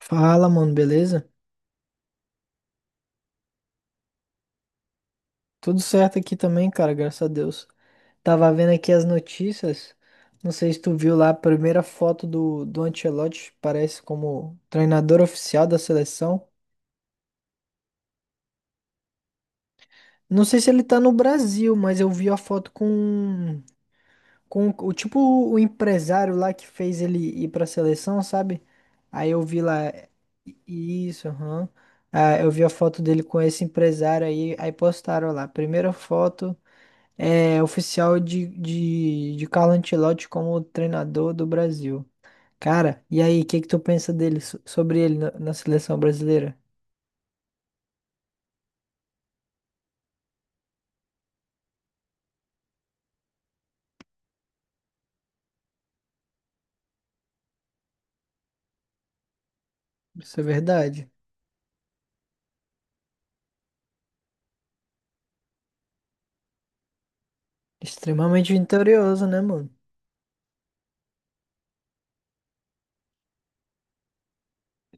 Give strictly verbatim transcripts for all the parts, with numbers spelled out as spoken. Fala, mano, beleza? Tudo certo aqui também, cara, graças a Deus. Tava vendo aqui as notícias. Não sei se tu viu lá a primeira foto do, do Ancelotti, parece como treinador oficial da seleção. Não sei se ele tá no Brasil, mas eu vi a foto com, com o tipo o empresário lá que fez ele ir pra seleção, sabe? Aí eu vi lá. Isso, aham. Ah, eu vi a foto dele com esse empresário aí, aí postaram lá. Primeira foto. É, oficial de, de, de Carlo Ancelotti como treinador do Brasil. Cara, e aí, o que que tu pensa dele, so- sobre ele na, na seleção brasileira? Isso é verdade. Extremamente vitorioso, né, mano?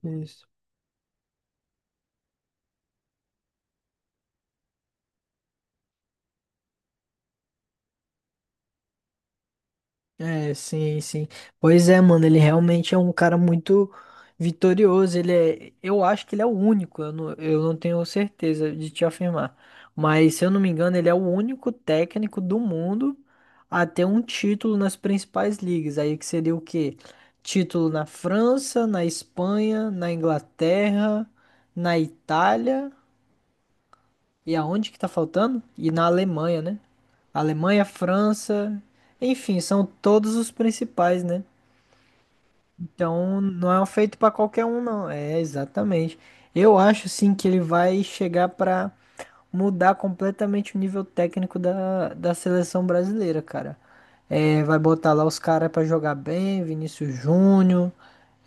Isso. É, sim, sim. Pois é, mano, ele realmente é um cara muito vitorioso. Ele é, eu acho que ele é o único, eu não, eu não tenho certeza de te afirmar. Mas, se eu não me engano, ele é o único técnico do mundo a ter um título nas principais ligas. Aí que seria o quê? Título na França, na Espanha, na Inglaterra, na Itália. E aonde que tá faltando? E na Alemanha, né? Alemanha, França, enfim, são todos os principais, né? Então não é um feito para qualquer um, não. É exatamente. Eu acho sim que ele vai chegar para mudar completamente o nível técnico da, da seleção brasileira, cara. É, vai botar lá os caras para jogar bem, Vinícius Júnior,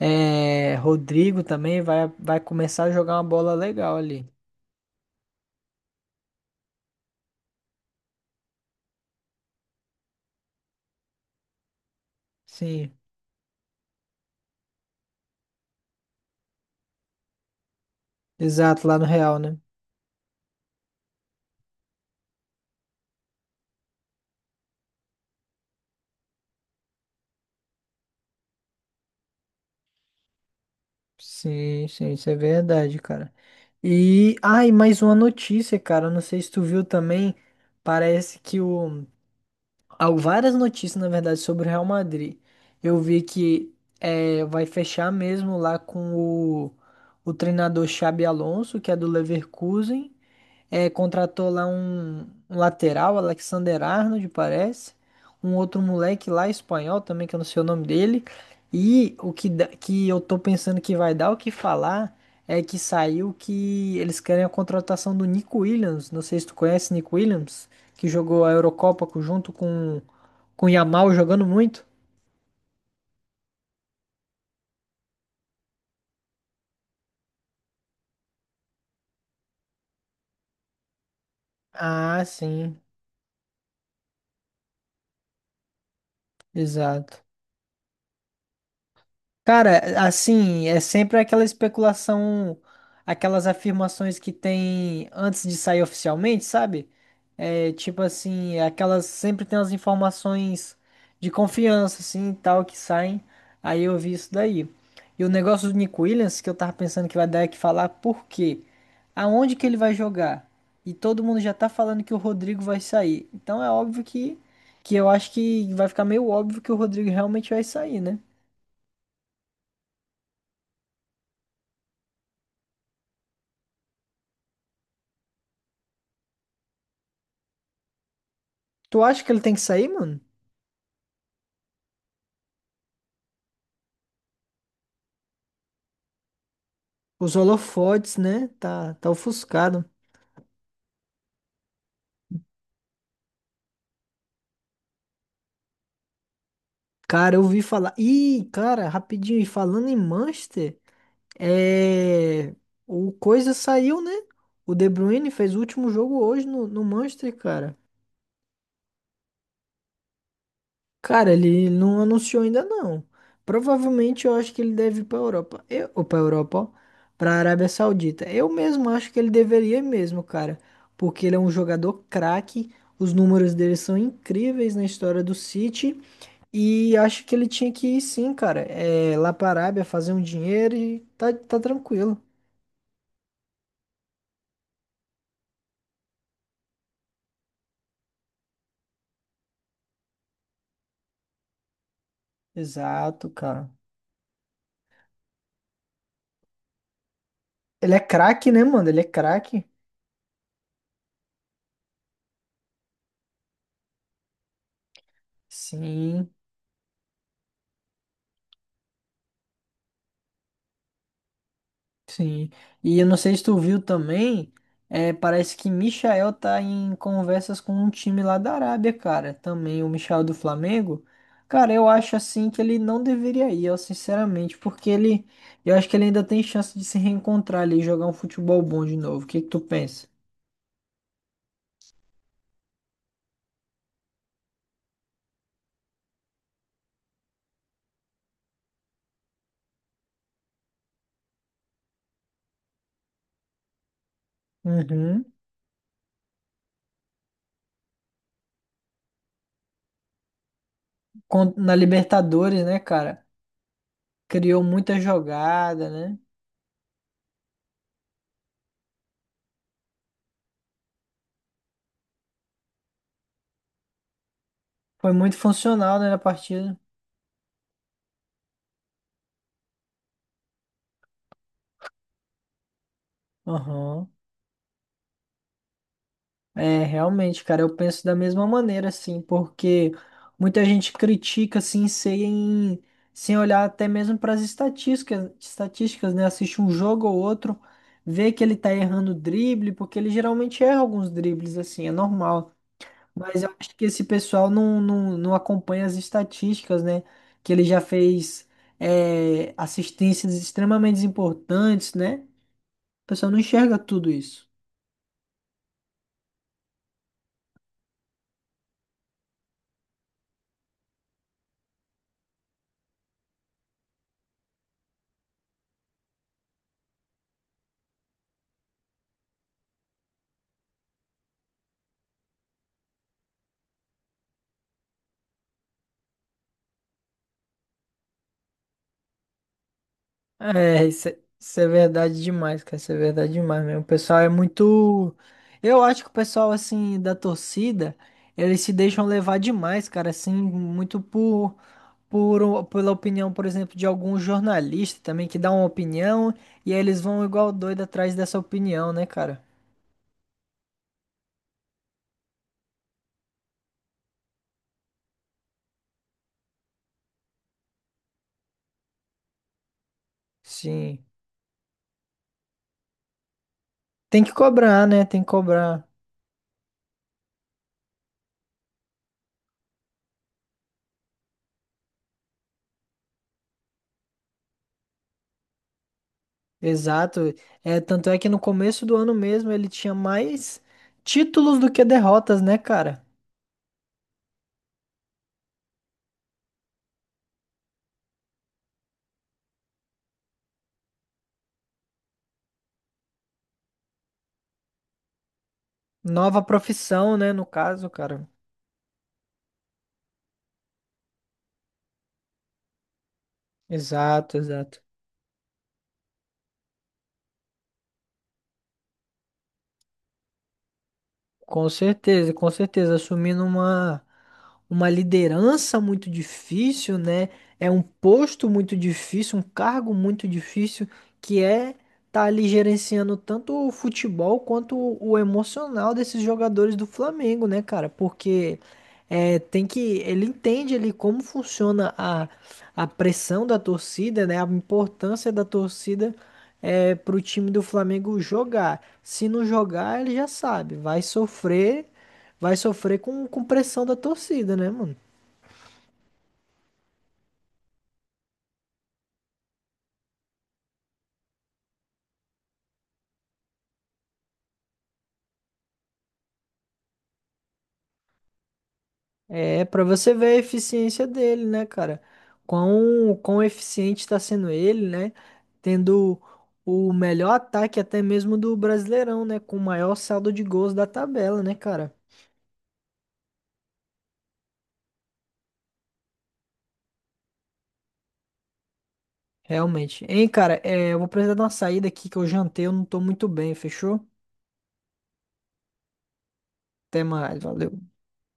é, Rodrigo também vai, vai começar a jogar uma bola legal ali. Sim, exato, lá no Real, né? Sim, sim, isso é verdade, cara. E, ai, mais uma notícia, cara. Não sei se tu viu também. Parece que o. Há várias notícias, na verdade, sobre o Real Madrid. Eu vi que é, vai fechar mesmo lá com o, o treinador Xabi Alonso, que é do Leverkusen. É, contratou lá um, um lateral, Alexander Arnold, parece. Um outro moleque lá, espanhol também, que eu não sei o nome dele. E o que, dá- que eu tô pensando que vai dar o que falar é que saiu que eles querem a contratação do Nico Williams. Não sei se tu conhece Nico Williams, que jogou a Eurocopa co- junto com, com o Yamal, jogando muito. Ah, sim, exato. Cara, assim, é sempre aquela especulação, aquelas afirmações que tem antes de sair oficialmente, sabe? É, tipo assim, aquelas sempre tem as informações de confiança, assim, e tal, que saem. Aí eu vi isso daí. E o negócio do Nick Williams, que eu tava pensando que vai dar é que falar por quê? Aonde que ele vai jogar? E todo mundo já tá falando que o Rodrigo vai sair. Então é óbvio que, que eu acho que vai ficar meio óbvio que o Rodrigo realmente vai sair, né? Tu acha que ele tem que sair, mano? Os holofotes, né? Tá, tá ofuscado. Cara, eu ouvi falar. Ih, cara, rapidinho, e falando em Manchester, é. O coisa saiu, né? O De Bruyne fez o último jogo hoje no, no Manchester, cara. Cara, ele não anunciou ainda não. Provavelmente eu acho que ele deve ir para Europa. Eu, ou para Europa, ó, para Arábia Saudita. Eu mesmo acho que ele deveria ir mesmo, cara, porque ele é um jogador craque, os números dele são incríveis na história do City e acho que ele tinha que ir sim, cara. É, lá para Arábia fazer um dinheiro e tá, tá tranquilo. Exato, cara. Ele é craque, né, mano? Ele é craque. Sim. Sim. E eu não sei se tu viu também, é, parece que Michael tá em conversas com um time lá da Arábia, cara. Também o Michael do Flamengo. Cara, eu acho assim que ele não deveria ir, eu sinceramente, porque ele, eu acho que ele ainda tem chance de se reencontrar ali e jogar um futebol bom de novo. O que que tu pensa? Uhum. Con- Na Libertadores, né, cara? Criou muita jogada, né? Foi muito funcional, né, na partida. Aham. É, realmente, cara, eu penso da mesma maneira, assim, porque muita gente critica, assim, sem, sem olhar até mesmo para as estatísticas, estatísticas, né? Assiste um jogo ou outro, vê que ele tá errando o drible, porque ele geralmente erra alguns dribles, assim, é normal. Mas eu acho que esse pessoal não, não, não acompanha as estatísticas, né? Que ele já fez é, assistências extremamente importantes, né? O pessoal não enxerga tudo isso. É, isso é, isso é verdade demais, cara. Isso é verdade demais mesmo. O pessoal é muito. Eu acho que o pessoal, assim, da torcida, eles se deixam levar demais, cara, assim, muito por, por o- pela opinião, por exemplo, de algum jornalista também que dá uma opinião e aí eles vão igual doido atrás dessa opinião, né, cara? Sim. Tem que cobrar, né? Tem que cobrar. Exato. É, tanto é que no começo do ano mesmo ele tinha mais títulos do que derrotas, né, cara? Nova profissão, né? No caso, cara. Exato, exato. Com certeza, com certeza. Assumindo uma, uma liderança muito difícil, né? É um posto muito difícil, um cargo muito difícil, que é tá ali gerenciando tanto o futebol quanto o o emocional desses jogadores do Flamengo, né, cara? Porque. É, tem que, ele entende ali como funciona a, a pressão da torcida, né? A importância da torcida é, para o time do Flamengo jogar. Se não jogar, ele já sabe, vai sofrer, vai sofrer com, com pressão da torcida, né, mano? É para você ver a eficiência dele, né, cara? Quão, quão eficiente está sendo ele, né? Tendo o melhor ataque até mesmo do Brasileirão, né? Com o maior saldo de gols da tabela, né, cara? Realmente. Hein, cara, é, eu vou precisar de uma saída aqui que eu jantei, eu não tô muito bem, fechou? Até mais, valeu.